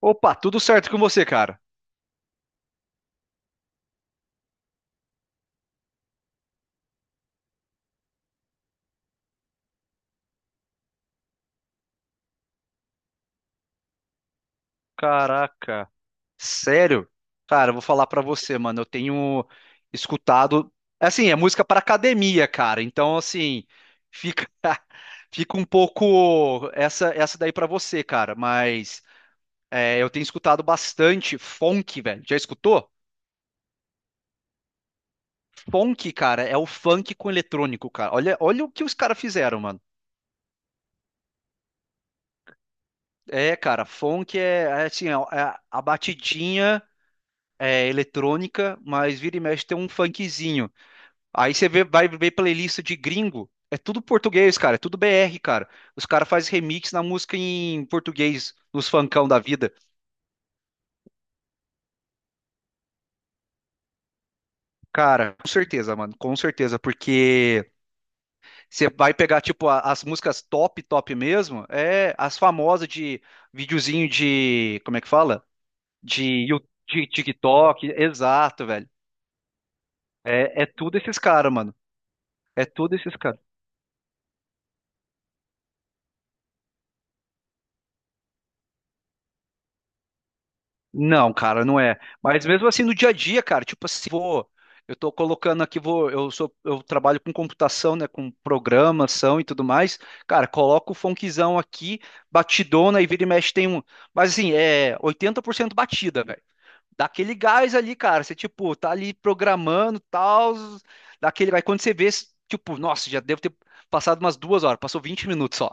Opa, tudo certo com você, cara? Caraca, sério? Cara, eu vou falar pra você, mano. Eu tenho escutado, assim, é música pra academia, cara. Então, assim, fica fica um pouco essa daí pra você, cara, mas é, eu tenho escutado bastante funk, velho. Já escutou? Funk, cara, é o funk com eletrônico, cara. Olha, olha o que os caras fizeram, mano. É, cara, funk é assim, é a batidinha é, eletrônica, mas vira e mexe tem um funkzinho. Aí você vê, vai ver playlist de gringo, é tudo português, cara, é tudo BR, cara. Os caras fazem remix na música em português, nos funkão da vida. Cara, com certeza, mano, com certeza, porque você vai pegar, tipo, as músicas top, top mesmo, é as famosas de videozinho de, como é que fala? De, Yu- de TikTok, exato, velho. É tudo esses caras, mano. É tudo esses caras. Não, cara, não é. Mas mesmo assim no dia a dia, cara, tipo assim, eu tô colocando aqui, eu trabalho com computação, né, com programação e tudo mais. Cara, coloco o funkzão aqui, batidona e vira e mexe tem um, mas assim, é 80% batida, velho. Dá aquele gás ali, cara, você tipo, tá ali programando, tal, dá aquele, vai quando você vê, tipo, nossa, já devo ter passado umas 2 horas, passou 20 minutos só.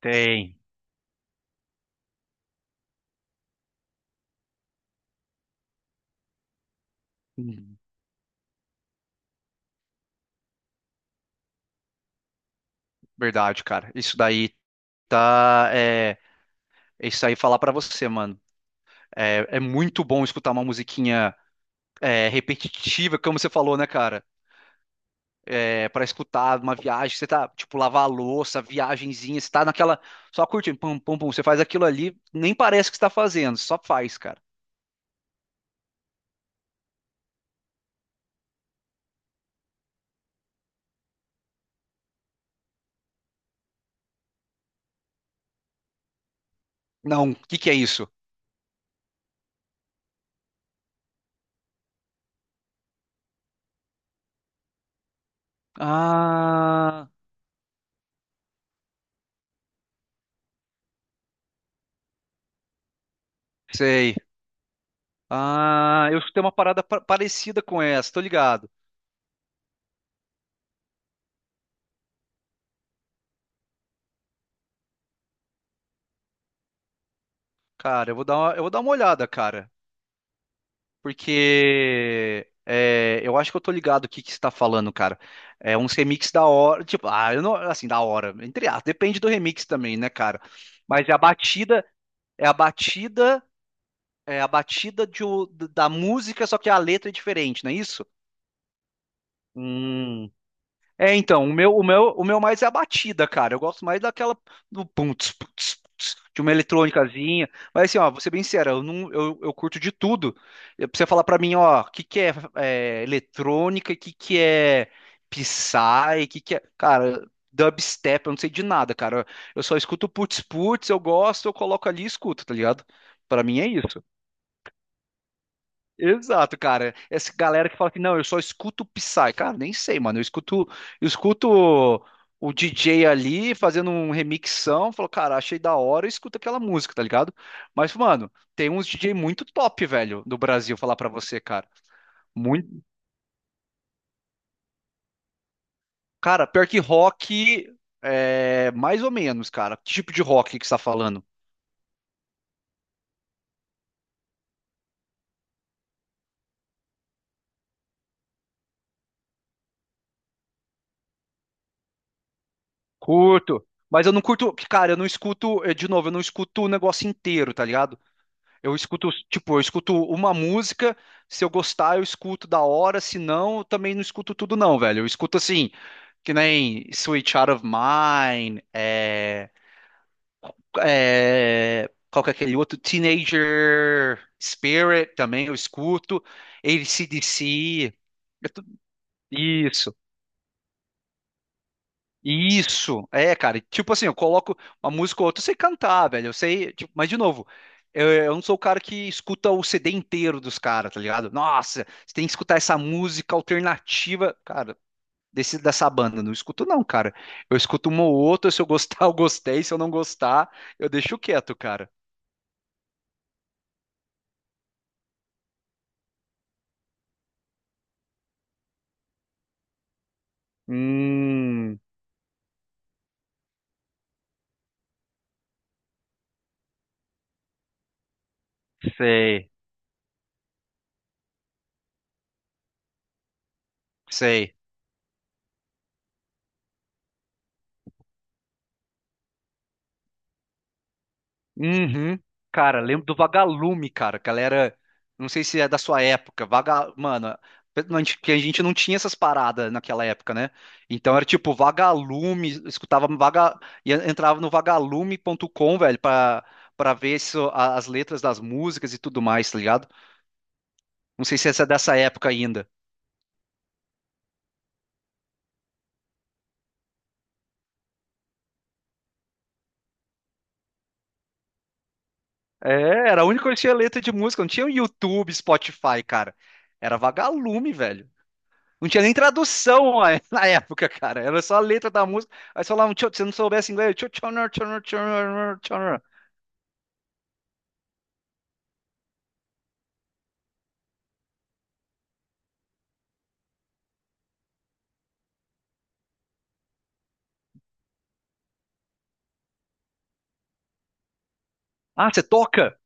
Tem. Hum. Verdade, cara. Isso daí tá. É isso aí falar pra você, mano. É muito bom escutar uma musiquinha repetitiva, como você falou, né, cara? É, para escutar uma viagem, você tá, tipo, lavar a louça, viagenzinha, você tá naquela. Só curtindo, pum, pum, pum. Você faz aquilo ali, nem parece que você tá fazendo, só faz, cara. Não, o que que é isso? Ah, sei. Ah, eu escutei uma parada parecida com essa, tô ligado. Cara, eu vou dar uma olhada, cara. Porque eu acho que eu tô ligado o que que você tá falando, cara. É uns remix da hora, tipo, ah, eu não, assim, da hora, entre aspas, depende do remix também, né, cara? Mas é a batida, é a batida, é a batida da música, só que a letra é diferente, não é isso? Hum. É, então, o meu mais é a batida, cara. Eu gosto mais daquela do pum, tss, tss, de uma eletrônicazinha. Mas assim, ó, vou ser bem sincero, eu não, eu curto de tudo. Pra você falar pra mim, ó, o que que é, eletrônica, o que que é Psy, o que que é, cara, dubstep, eu não sei de nada, cara. Eu só escuto putz putz, eu gosto, eu coloco ali e escuto, tá ligado? Pra mim é isso. Exato, cara. Essa galera que fala que não, eu só escuto Psy. Cara, nem sei, mano. Eu escuto o DJ ali fazendo um remixão. Falo, cara, achei da hora, eu escuto aquela música, tá ligado? Mas, mano, tem uns DJ muito top, velho, do Brasil, falar pra você, cara. Muito. Cara, pior que rock, é mais ou menos, cara. Que tipo de rock que você tá falando? Curto. Mas eu não curto, cara, eu não escuto, de novo, eu não escuto o negócio inteiro, tá ligado? Eu escuto, tipo, eu escuto uma música, se eu gostar, eu escuto da hora, se não, eu também não escuto tudo não, velho. Eu escuto assim, que nem Sweet Child of Mine, qual que é aquele outro? Teenager Spirit também eu escuto, AC/DC, é tudo- isso. Isso, cara. E, tipo assim, eu coloco uma música ou outra, eu sei cantar, velho. Eu sei, tipo, mas de novo, eu não sou o cara que escuta o CD inteiro dos caras, tá ligado? Nossa, você tem que escutar essa música alternativa, cara, dessa banda. Eu não escuto, não, cara. Eu escuto uma ou outra, se eu gostar, eu gostei. Se eu não gostar, eu deixo quieto, cara. Hum, Sei. Sei. Uhum. Cara, lembro do Vagalume, cara, que ela era, não sei se é da sua época, Vaga, mano, a gente- que a gente não tinha essas paradas naquela época, né? Então era tipo Vagalume, escutava Vaga e entrava no vagalume.com, velho, pra para ver se as letras das músicas e tudo mais, tá ligado? Não sei se essa é dessa época ainda. É, era a única que tinha letra de música, não tinha o YouTube, Spotify, cara. Era Vagalume, velho. Não tinha nem tradução na época, cara. Era só a letra da música. Aí você falava, "Tchau", se não soubesse inglês, "Tchau, tchau, tchau, tchau, tchau, tchau, tchau". Ah, você toca?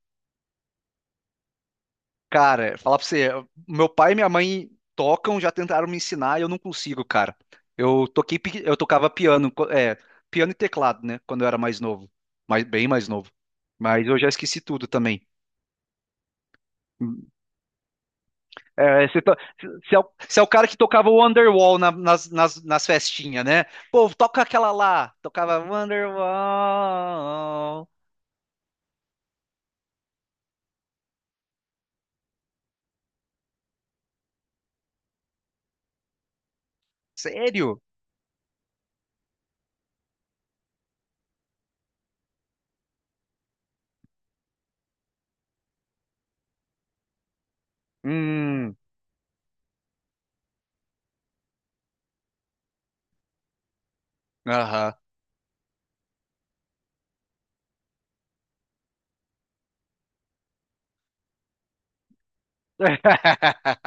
Cara, falar pra você, meu pai e minha mãe tocam, já tentaram me ensinar e eu não consigo, cara. Eu toquei, eu tocava piano, piano e teclado, né? Quando eu era mais novo, mais, bem mais novo. Mas eu já esqueci tudo também. É, se é o cara que tocava o Wonderwall nas festinhas, né? Pô, toca aquela lá. Tocava Wonderwall. Sério? Hum, aham.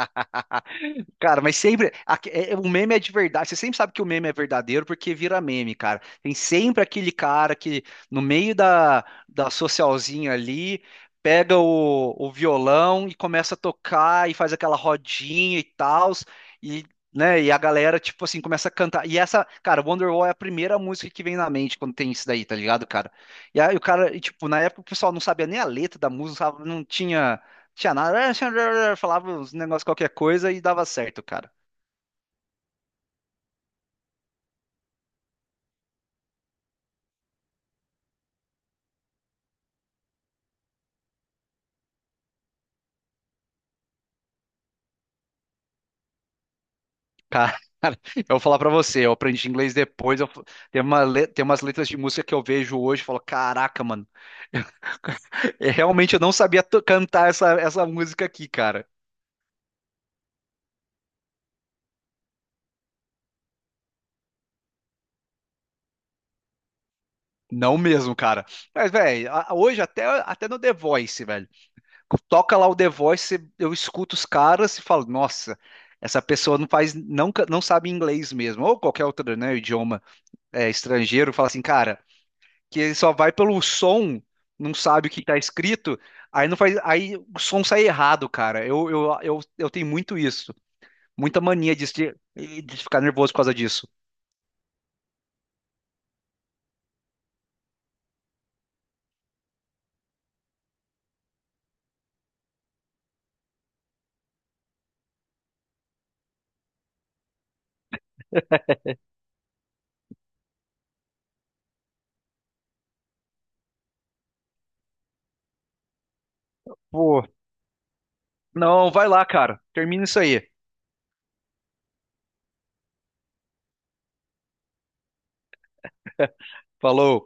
Cara, mas sempre. O meme é de verdade. Você sempre sabe que o meme é verdadeiro porque vira meme, cara. Tem sempre aquele cara que, no meio da socialzinha ali, pega o violão e começa a tocar e faz aquela rodinha e tal. E, né, a galera, tipo assim, começa a cantar. E essa, cara, Wonderwall é a primeira música que vem na mente quando tem isso daí, tá ligado, cara? E aí o cara, e, tipo, na época o pessoal não sabia nem a letra da música, não, não tinha. Tinha nada, falava uns negócios qualquer coisa e dava certo, cara. Cara, eu vou falar pra você, eu aprendi inglês depois, tem umas letras de música que eu vejo hoje e falo, caraca, mano, realmente eu não sabia cantar essa música aqui, cara. Não mesmo, cara. Mas, velho, hoje até no The Voice, velho. Toca lá o The Voice, eu escuto os caras e falo, nossa, essa pessoa não faz, não, não sabe inglês mesmo, ou qualquer outro, né, idioma estrangeiro, fala assim, cara. Que ele só vai pelo som, não sabe o que tá escrito, aí não faz, aí o som sai errado, cara. Eu tenho muito isso, muita mania de, se- de ficar nervoso por causa disso. Pô, não, vai lá, cara. Termina isso aí. Falou.